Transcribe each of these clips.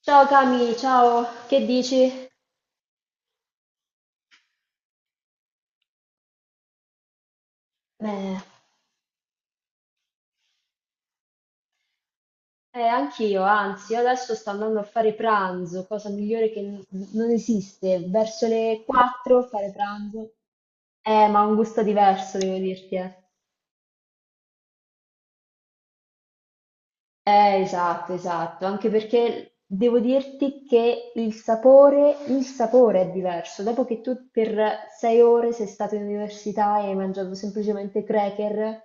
Ciao Cami, ciao, che dici? Beh, anch'io, anzi, io adesso sto andando a fare pranzo, cosa migliore che non esiste, verso le 4 fare pranzo. Ma ha un gusto diverso, devo dirti. Esatto, esatto, anche perché devo dirti che il sapore è diverso. Dopo che tu per 6 ore sei stato in università e hai mangiato semplicemente cracker,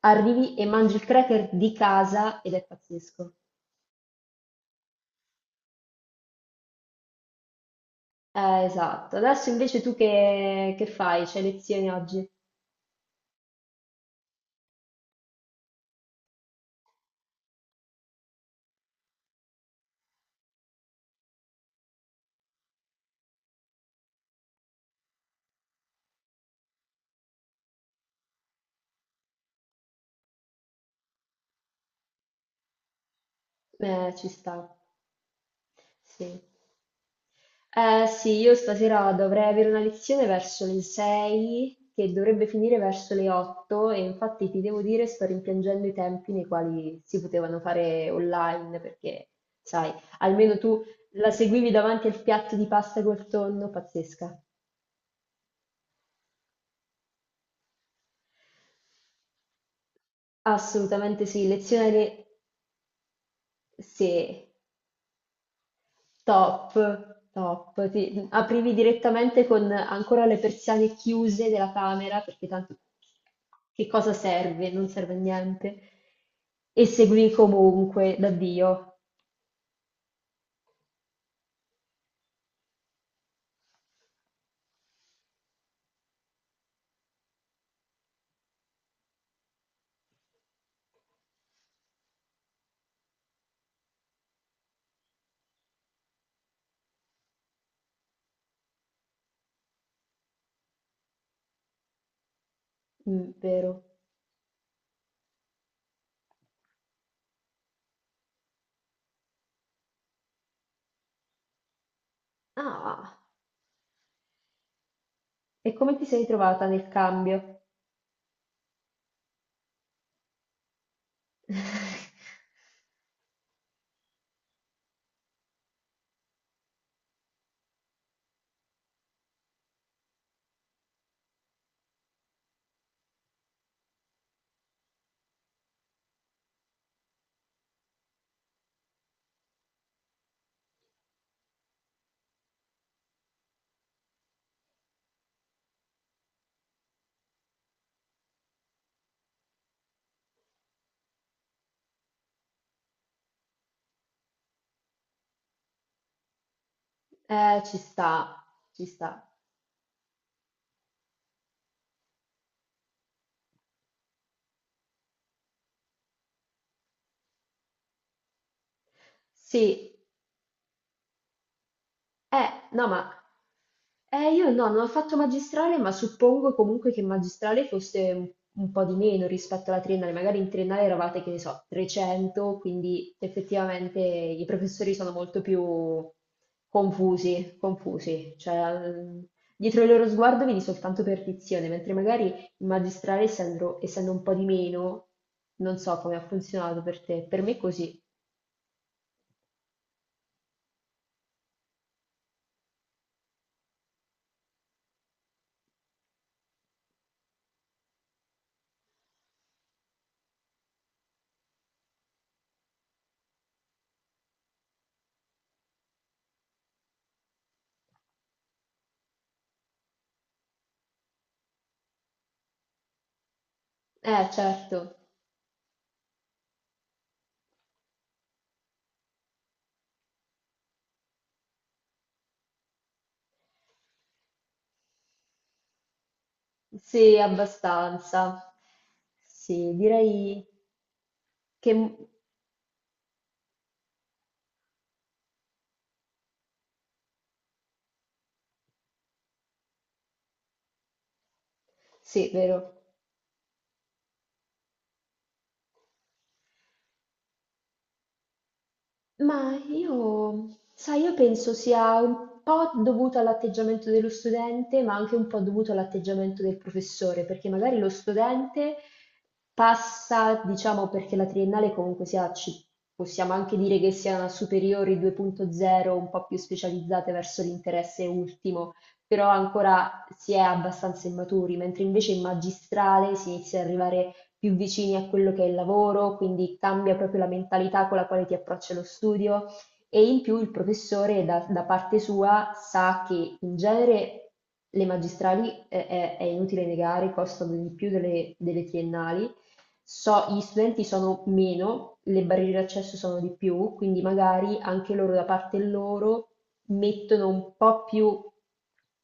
arrivi e mangi il cracker di casa ed è pazzesco. Esatto. Adesso invece tu che fai? C'hai lezioni oggi? Ci sta. Sì. Sì, io stasera dovrei avere una lezione verso le 6 che dovrebbe finire verso le 8, e infatti ti devo dire sto rimpiangendo i tempi nei quali si potevano fare online perché, sai, almeno tu la seguivi davanti al piatto di pasta col tonno, pazzesca. Assolutamente sì, Sì, top, top. Aprivi direttamente con ancora le persiane chiuse della camera, perché tanto che cosa serve? Non serve a niente. E seguivi comunque da Dio. Mm, vero? Ah, e come ti sei trovata nel cambio? Ci sta, ci sta. Sì. Eh, no, ma io no, non ho fatto magistrale, ma suppongo comunque che magistrale fosse un po' di meno rispetto alla triennale. Magari in triennale eravate, che ne so, 300, quindi effettivamente i professori sono molto più confusi. Cioè, dietro il loro sguardo vedi soltanto perdizione, mentre magari in magistrale, essendo un po' di meno, non so come ha funzionato per te. Per me è così. Certo. Sì, abbastanza. Sì, direi che... Sì, vero. Ma io, sai, io penso sia un po' dovuto all'atteggiamento dello studente, ma anche un po' dovuto all'atteggiamento del professore, perché magari lo studente passa, diciamo, perché la triennale comunque sia, possiamo anche dire che sia una superiore 2.0, un po' più specializzate verso l'interesse ultimo, però ancora si è abbastanza immaturi, mentre invece in magistrale si inizia ad arrivare più vicini a quello che è il lavoro, quindi cambia proprio la mentalità con la quale ti approccia lo studio, e in più il professore da parte sua sa che in genere le magistrali è inutile negare, costano di più delle triennali, gli studenti sono meno, le barriere d'accesso sono di più, quindi magari anche loro da parte loro mettono un po' più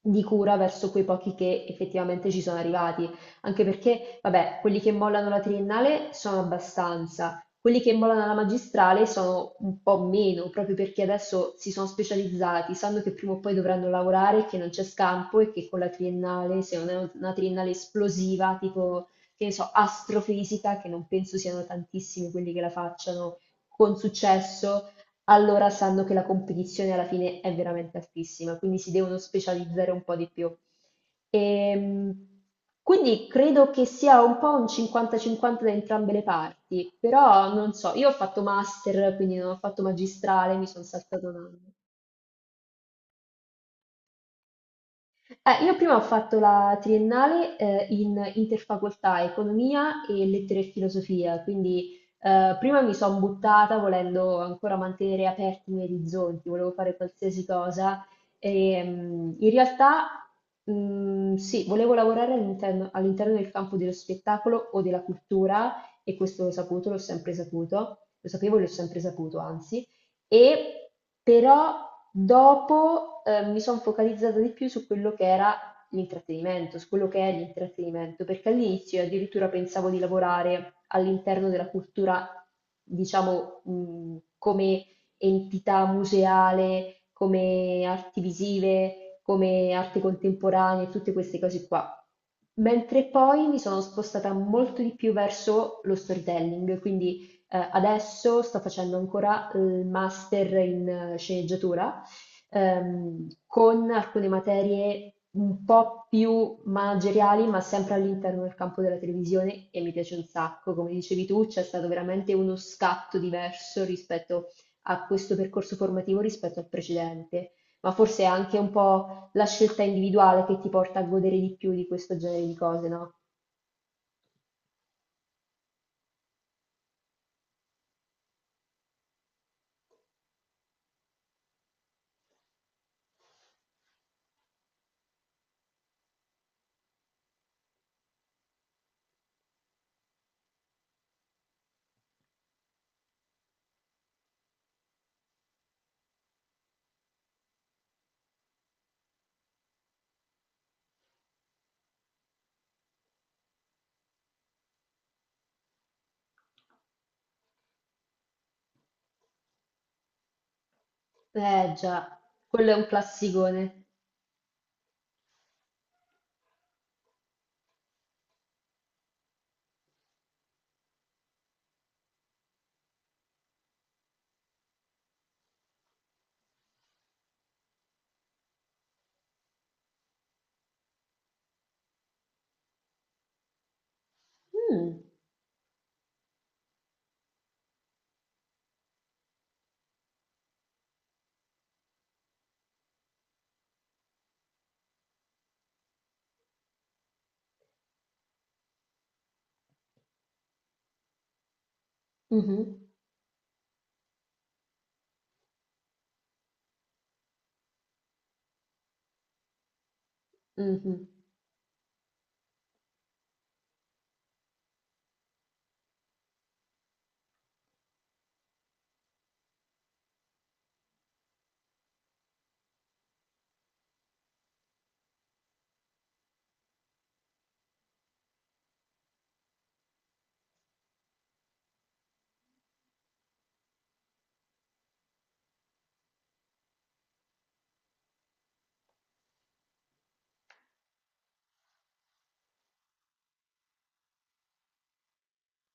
di cura verso quei pochi che effettivamente ci sono arrivati, anche perché, vabbè, quelli che mollano la triennale sono abbastanza, quelli che mollano la magistrale sono un po' meno, proprio perché adesso si sono specializzati, sanno che prima o poi dovranno lavorare, che non c'è scampo e che con la triennale, se non è una triennale esplosiva, tipo, che ne so, astrofisica, che non penso siano tantissimi quelli che la facciano con successo, allora sanno che la competizione alla fine è veramente altissima, quindi si devono specializzare un po' di più. Ehm, quindi credo che sia un po' un 50-50 da entrambe le parti, però non so, io ho fatto master, quindi non ho fatto magistrale, mi sono saltato 1 anno. Io prima ho fatto la triennale in interfacoltà economia e lettere e filosofia, quindi prima mi sono buttata volendo ancora mantenere aperti i miei orizzonti, volevo fare qualsiasi cosa, e in realtà sì, volevo lavorare all'interno del campo dello spettacolo o della cultura, e questo l'ho saputo, l'ho sempre saputo, lo sapevo e l'ho sempre saputo, anzi. E però dopo mi sono focalizzata di più su quello che era l'intrattenimento, su quello che è l'intrattenimento, perché all'inizio io addirittura pensavo di lavorare all'interno della cultura, diciamo, come entità museale, come arti visive, come arte contemporanea, tutte queste cose qua. Mentre poi mi sono spostata molto di più verso lo storytelling, quindi adesso sto facendo ancora il master in sceneggiatura, con alcune materie un po' più manageriali, ma sempre all'interno del campo della televisione, e mi piace un sacco. Come dicevi tu, c'è stato veramente uno scatto diverso rispetto a questo percorso formativo rispetto al precedente, ma forse è anche un po' la scelta individuale che ti porta a godere di più di questo genere di cose, no? Eh già, quello è un classicone. Mm. Mh-mh, mh-mh,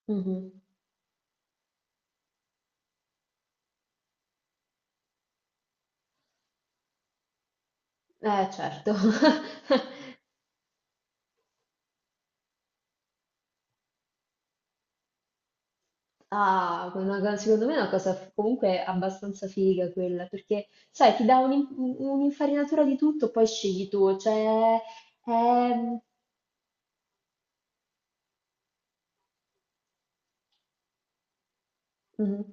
mh-mh. Eh, certo. Ah, una co secondo me è una cosa f comunque abbastanza figa quella, perché sai ti dà un'infarinatura di tutto, poi scegli tu, cioè ehm mh-mh,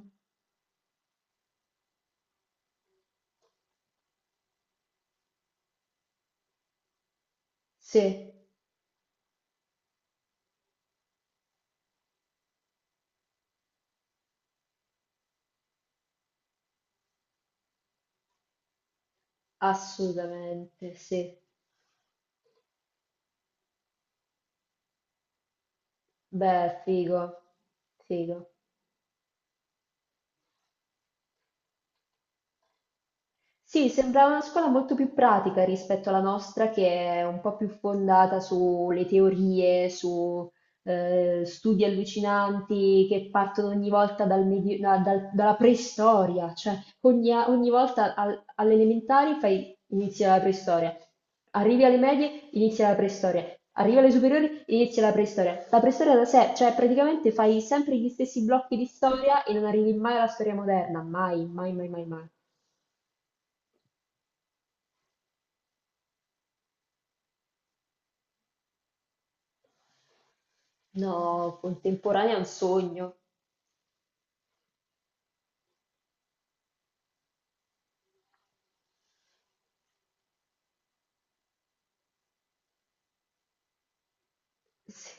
sì, assolutamente, sì. Beh, figo, figo. Sì, sembrava una scuola molto più pratica rispetto alla nostra, che è un po' più fondata sulle teorie, su studi allucinanti che partono ogni volta dalla preistoria, cioè ogni volta alle elementari fai, inizia la preistoria, arrivi alle medie, inizia la preistoria, arrivi alle superiori, inizia la preistoria. La preistoria da sé, cioè praticamente fai sempre gli stessi blocchi di storia e non arrivi mai alla storia moderna, mai, mai, mai, mai, mai. No, contemporanea è un sogno. Sì.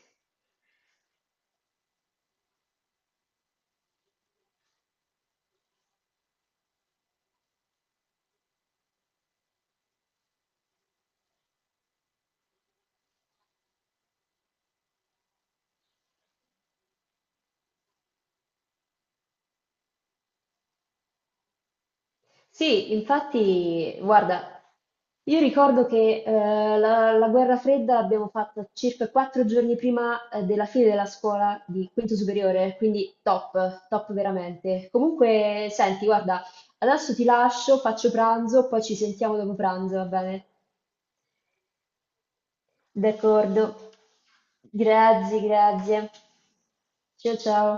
Sì, infatti, guarda, io ricordo che la guerra fredda l'abbiamo fatta circa 4 giorni prima della fine della scuola di quinto superiore, quindi top, top veramente. Comunque, senti, guarda, adesso ti lascio, faccio pranzo, poi ci sentiamo dopo pranzo, va bene? D'accordo. Grazie, grazie. Ciao, ciao.